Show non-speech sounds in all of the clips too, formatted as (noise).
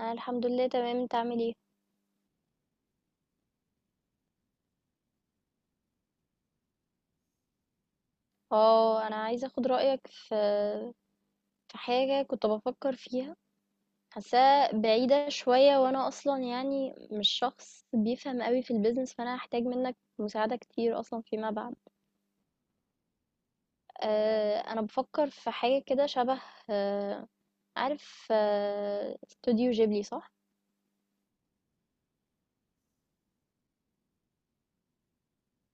انا الحمد لله تمام، انت عامل ايه؟ اه، انا عايزه اخد رايك في حاجه كنت بفكر فيها. حاساها بعيده شويه، وانا اصلا يعني مش شخص بيفهم قوي في البيزنس، فانا هحتاج منك مساعده كتير اصلا فيما بعد. أه، انا بفكر في حاجه كده شبه. أه عارف، استوديو جيبلي صح؟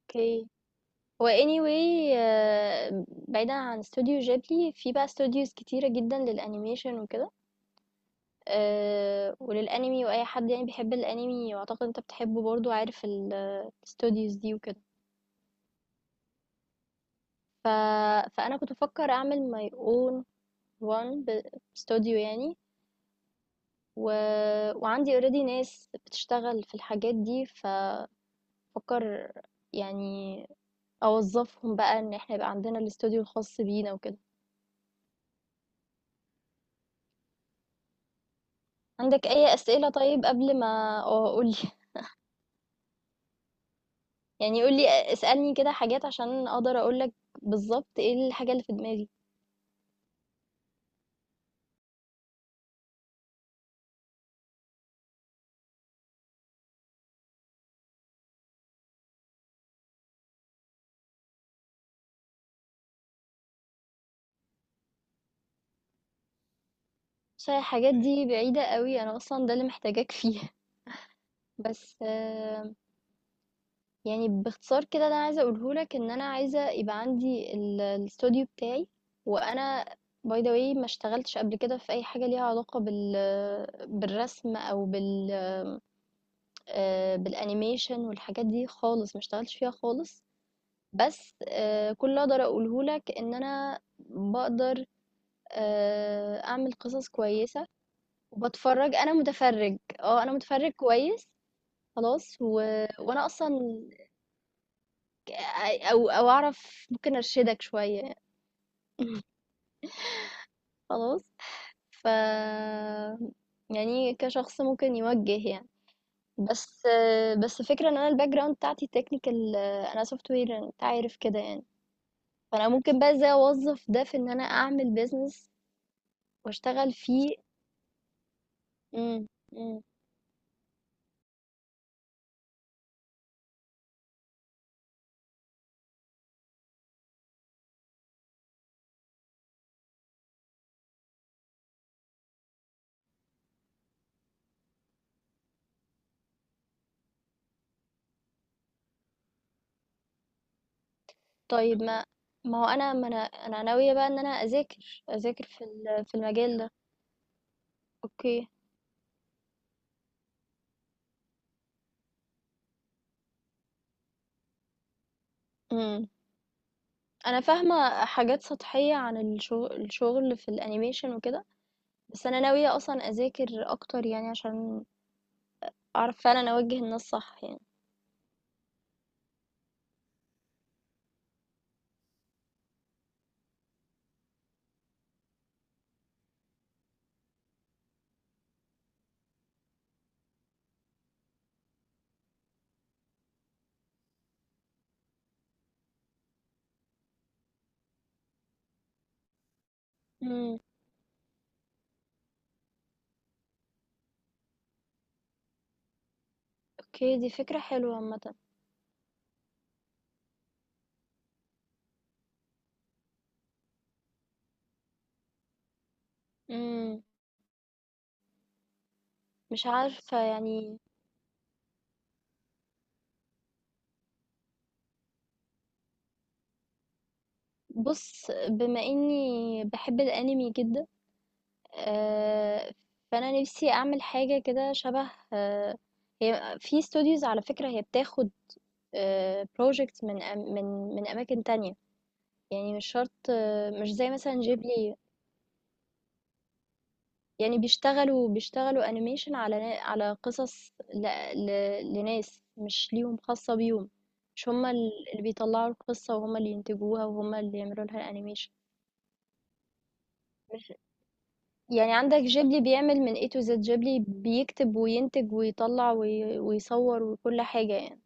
اوكي، هو anyway، بعيدا عن استوديو جيبلي في بقى استوديوز كتيرة جدا للانيميشن وكده. وللأنمي، وأي حد يعني بيحب الأنمي، وأعتقد أنت بتحبه برضه، عارف ال الstudios دي وكده. ف فأنا كنت بافكّر أعمل my own one ب studio يعني. و وعندي already ناس بتشتغل في الحاجات دي، فافكّر يعني أوظّفهم بقى إن إحنا يبقى عندنا الstudio الخاص بينا وكده. عندك أي أسئلة؟ طيب، قبل ما قُل لي. (laughs) يعني قُل لي، اسألني كده حاجات عشان أقدر أقول لك بالضبط إيه الحاجة اللي في دماغي. عشان الحاجات دي بعيدة قوي، انا اصلا ده اللي محتاجاك فيه. (laughs) بس، يعني باختصار كده اللي انا عايزة اقوله لك ان انا عايزة يبقى عندي الاستوديو بتاعي. وانا باي ذا واي ما اشتغلتش قبل كده في اي حاجة ليها علاقة بالرسم، او بالانيميشن والحاجات دي خالص، ما اشتغلتش فيها خالص. بس، كل اللي اقدر اقوله لك ان انا بقدر، اعمل قصص كويسة. وبتفرج، انا متفرج. اه انا متفرج كويس. خلاص. وانا اصلا، ك- او اعرف ممكن ارشدك شوية. (laughs) خلاص. ف يعني كشخص ممكن يوجه يعني. بس بس فكرة ان انا الباك جراوند بتاعتي تكنيكال، انا سوفت وير، انت عارف كده يعني. فانا ممكن بقى ازاي اوظف ده في ان انا اعمل بيزنس واشتغل فيه. امم. امم. طيب، ما هو انا، ما انا ناوية بقى ان انا اذاكر في المجال ده. اوكي. أنا فاهمة حاجات سطحية عن الشغل في الأنيميشن وكده، بس أنا ناوية أصلًا أذاكر أكتر يعني عشان أعرف فعلًا أوجّه الناس صح يعني. إمم. أوكي، دي فكرة حلوة عامةً. إمم، مش عارفة يعني. بُص، بما إني باحب الأنمي جدًا، آآ، فأنا نفسي أعمل حاجة كده شبه، هي في studios على فكرة هي بتاخد project من أم من من أماكن تانية. يعني مش شرط، مش زي مثلًا Ghibli. يعني بيشتغلوا أنيميشن على قصص ل... لناس، مش ليهم خاصة بيهم. مش هما اللي بيطلعوا القصة، وهما اللي ينتجوها، وهما اللي يعملوا لها الأنيميشن. مش... يعني عندك جيبلي بيعمل من A to Z. جيبلي بيكتب وينتج ويطلع ويصور وكل حاجة يعني.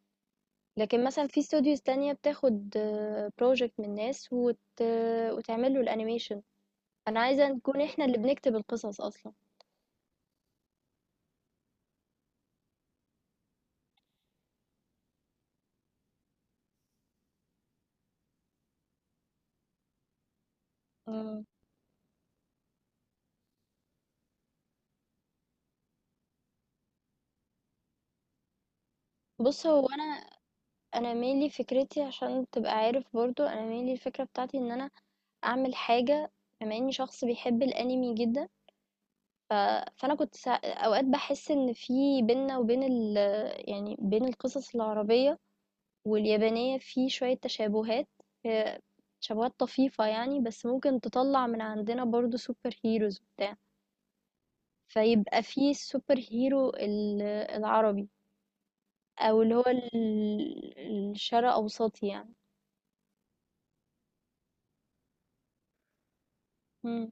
لكن مثلا في استوديوز تانية بتاخد بروجكت من ناس وتعمل له الأنيميشن. أنا عايزة نكون احنا اللي بنكتب القصص أصلا. مم. بص، هو أنا mainly فكرتي. عشان تبقى عارف برضو أنا mainly الفكرة بتاعتي إن أنا أعمل حاجة، بما إني شخص بيحب الأنمي جدا. ف... فأنا كنت أوقات بحس إن في بينا وبين يعني بين القصص العربية واليابانية في شوية تشابهات. آه، تشابهات طفيفة يعني، بس ممكن تطلع من عندنا برضو سوبر هيروز وبتاع. فيبقى في السوبر هيرو العربي، أو اللي هو الشرق أوسطي يعني. مم.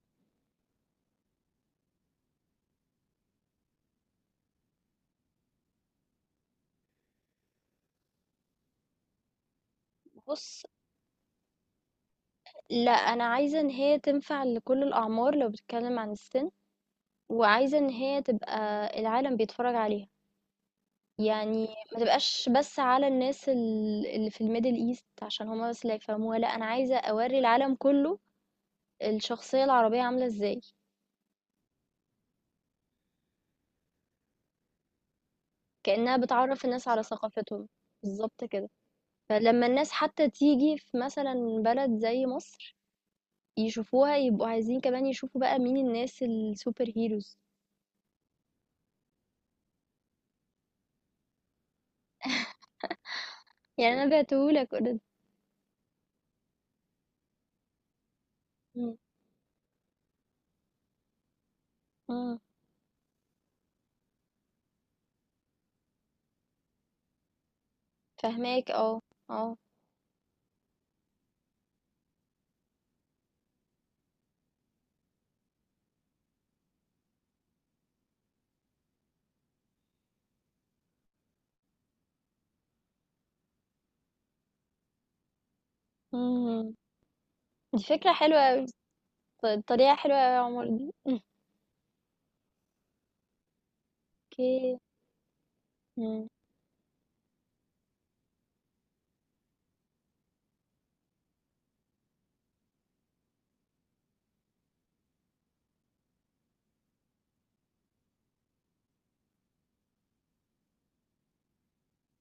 بص، لأ، أنا عايزة إن هي تنفع لكل الأعمار لو بتتكلم عن السن، وعايزة إن هي تبقى العالم بيتفرج عليها، يعني ما تبقاش بس على الناس اللي في الMiddle East عشان هُم بس اللي هيفهموها. لأ، أنا عايزة أورّي العالم كله الشخصية العربية عاملة إزاي، كأنها بتعرّف الناس على ثقافتهم، بالضبط كده. فلمّا الناس حتى تيجي في مثلًا بلد زي مصر يشوفوها، يبقوا عايزين كمان يشوفوا بقى مين الناس الsuper heroes. يعني أنا بعته لك already. إمم. إمم. فاهماك، اه. اه. امم. دي فكرة حلوة أوي. الطريقة حلوة أوي يا عمر دي. (laughs) مم. اوكي. مم.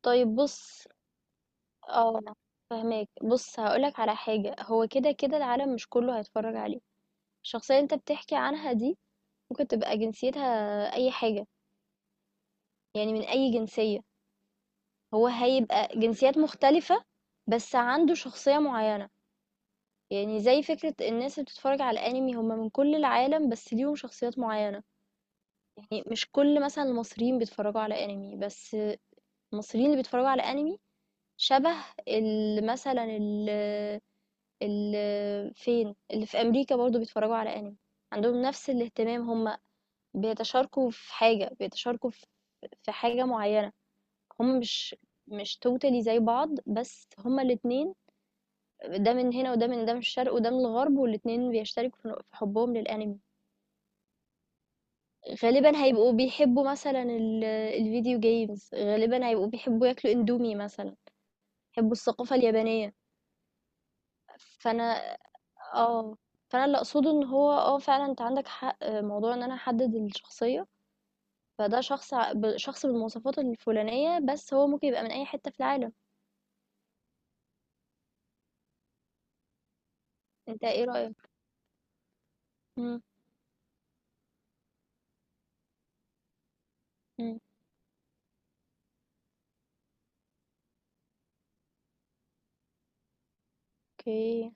طيب بص، اه فاهماك. بص، هقولك على حاجة. هو كده كده العالم مش كله هيتفرج عليه. الشخصية اللي انت بتحكي عنها دي ممكن تبقى جنسيتها أي حاجة، يعني من أي جنسية. هو هيبقى جنسيات مختلفة بس عنده شخصية معينة. يعني زي فكرة الناس اللي بتتفرج على الأنمي هم من كل العالم بس ليهم شخصيات معينة. يعني مش كل مثلًا المصريين بيتفرّجوا على أنمي، بس المصريين اللي بيتفرّجوا على أنمي شَبه ال مثلًا ال فين، اللي في أمريكا برضه بيتفرّجوا على أنمي، عندهم نَفْس الاهتمام. هم بيتشاركوا في حاجة، بيتشاركوا في حاجة معيّنة. هم مش totally زي بعض، بس هم الاتنين، ده من هنا، وده من الشرق، وده من الغرب، والاتنين بيشتركوا في حُبّهم للأنمي. غالبًا هيبقوا بيحبّوا مثلًا ال الvideo games، غالبًا هيبقوا بيحبّوا ياكلوا إندومي مثلًا، بيحبّوا الثقافة اليابانية. فأنا آه، فأنا اللي أقصده إن هو، فعلًا أنت عندك حق، موضوع إن أنا أحدّد الشخصية، فده شخص، ع ب شخص بالمواصفات الفلانية، بس هو ممكن يبقى من أي حتّة في العالم. أنت إيه رأيك؟ إمم. إمم. أوكي.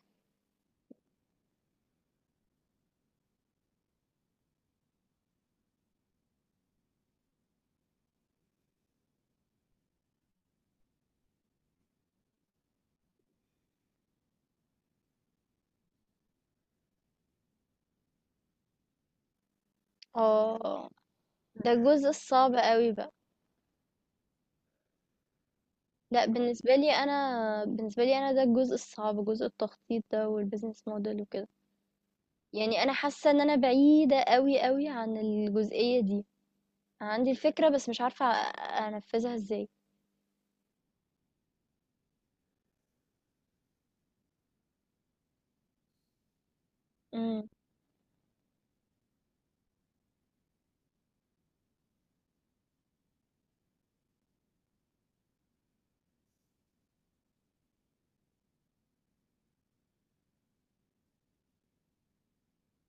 آه، ده الجزء الصعب أوي بقى. لأ، بالنسبة لي أنا، ده الجزء الصعب، جزء التخطيط ده والbusiness model وكده. يعني انا حاسه ان انا بعيده قوي قوي عن الجزئيه دي. عندي الفكره بس مش عارفه انفذها ازاي. امم.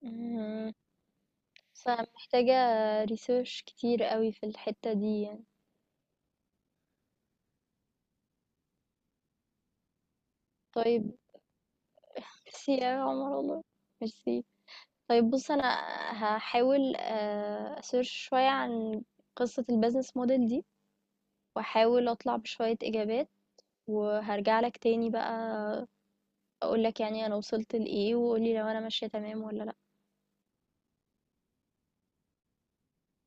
امم. فمحتاجه ريسيرش كتير قوي في الحته دي يعني. طيب ميرسي يا عمر والله، ميرسي. طيب بص، انا هحاول، اسيرش شويه عن قصه البيزنس موديل دي، واحاول اطلع بشويه اجابات، وهرجع لك تاني بقى، اقول لك يعني انا وصلت لايه، وقولي لو انا ماشيه تمام ولا لا.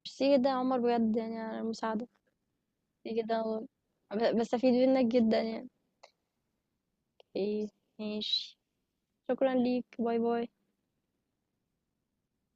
ميرسي جدًا يا عمر بجد يعني على المساعدة. ميرسي جدًا، و ب باستفيد منّك جدًا يعني. أوكي، ماشي، شكرًا ليك، باي، باي.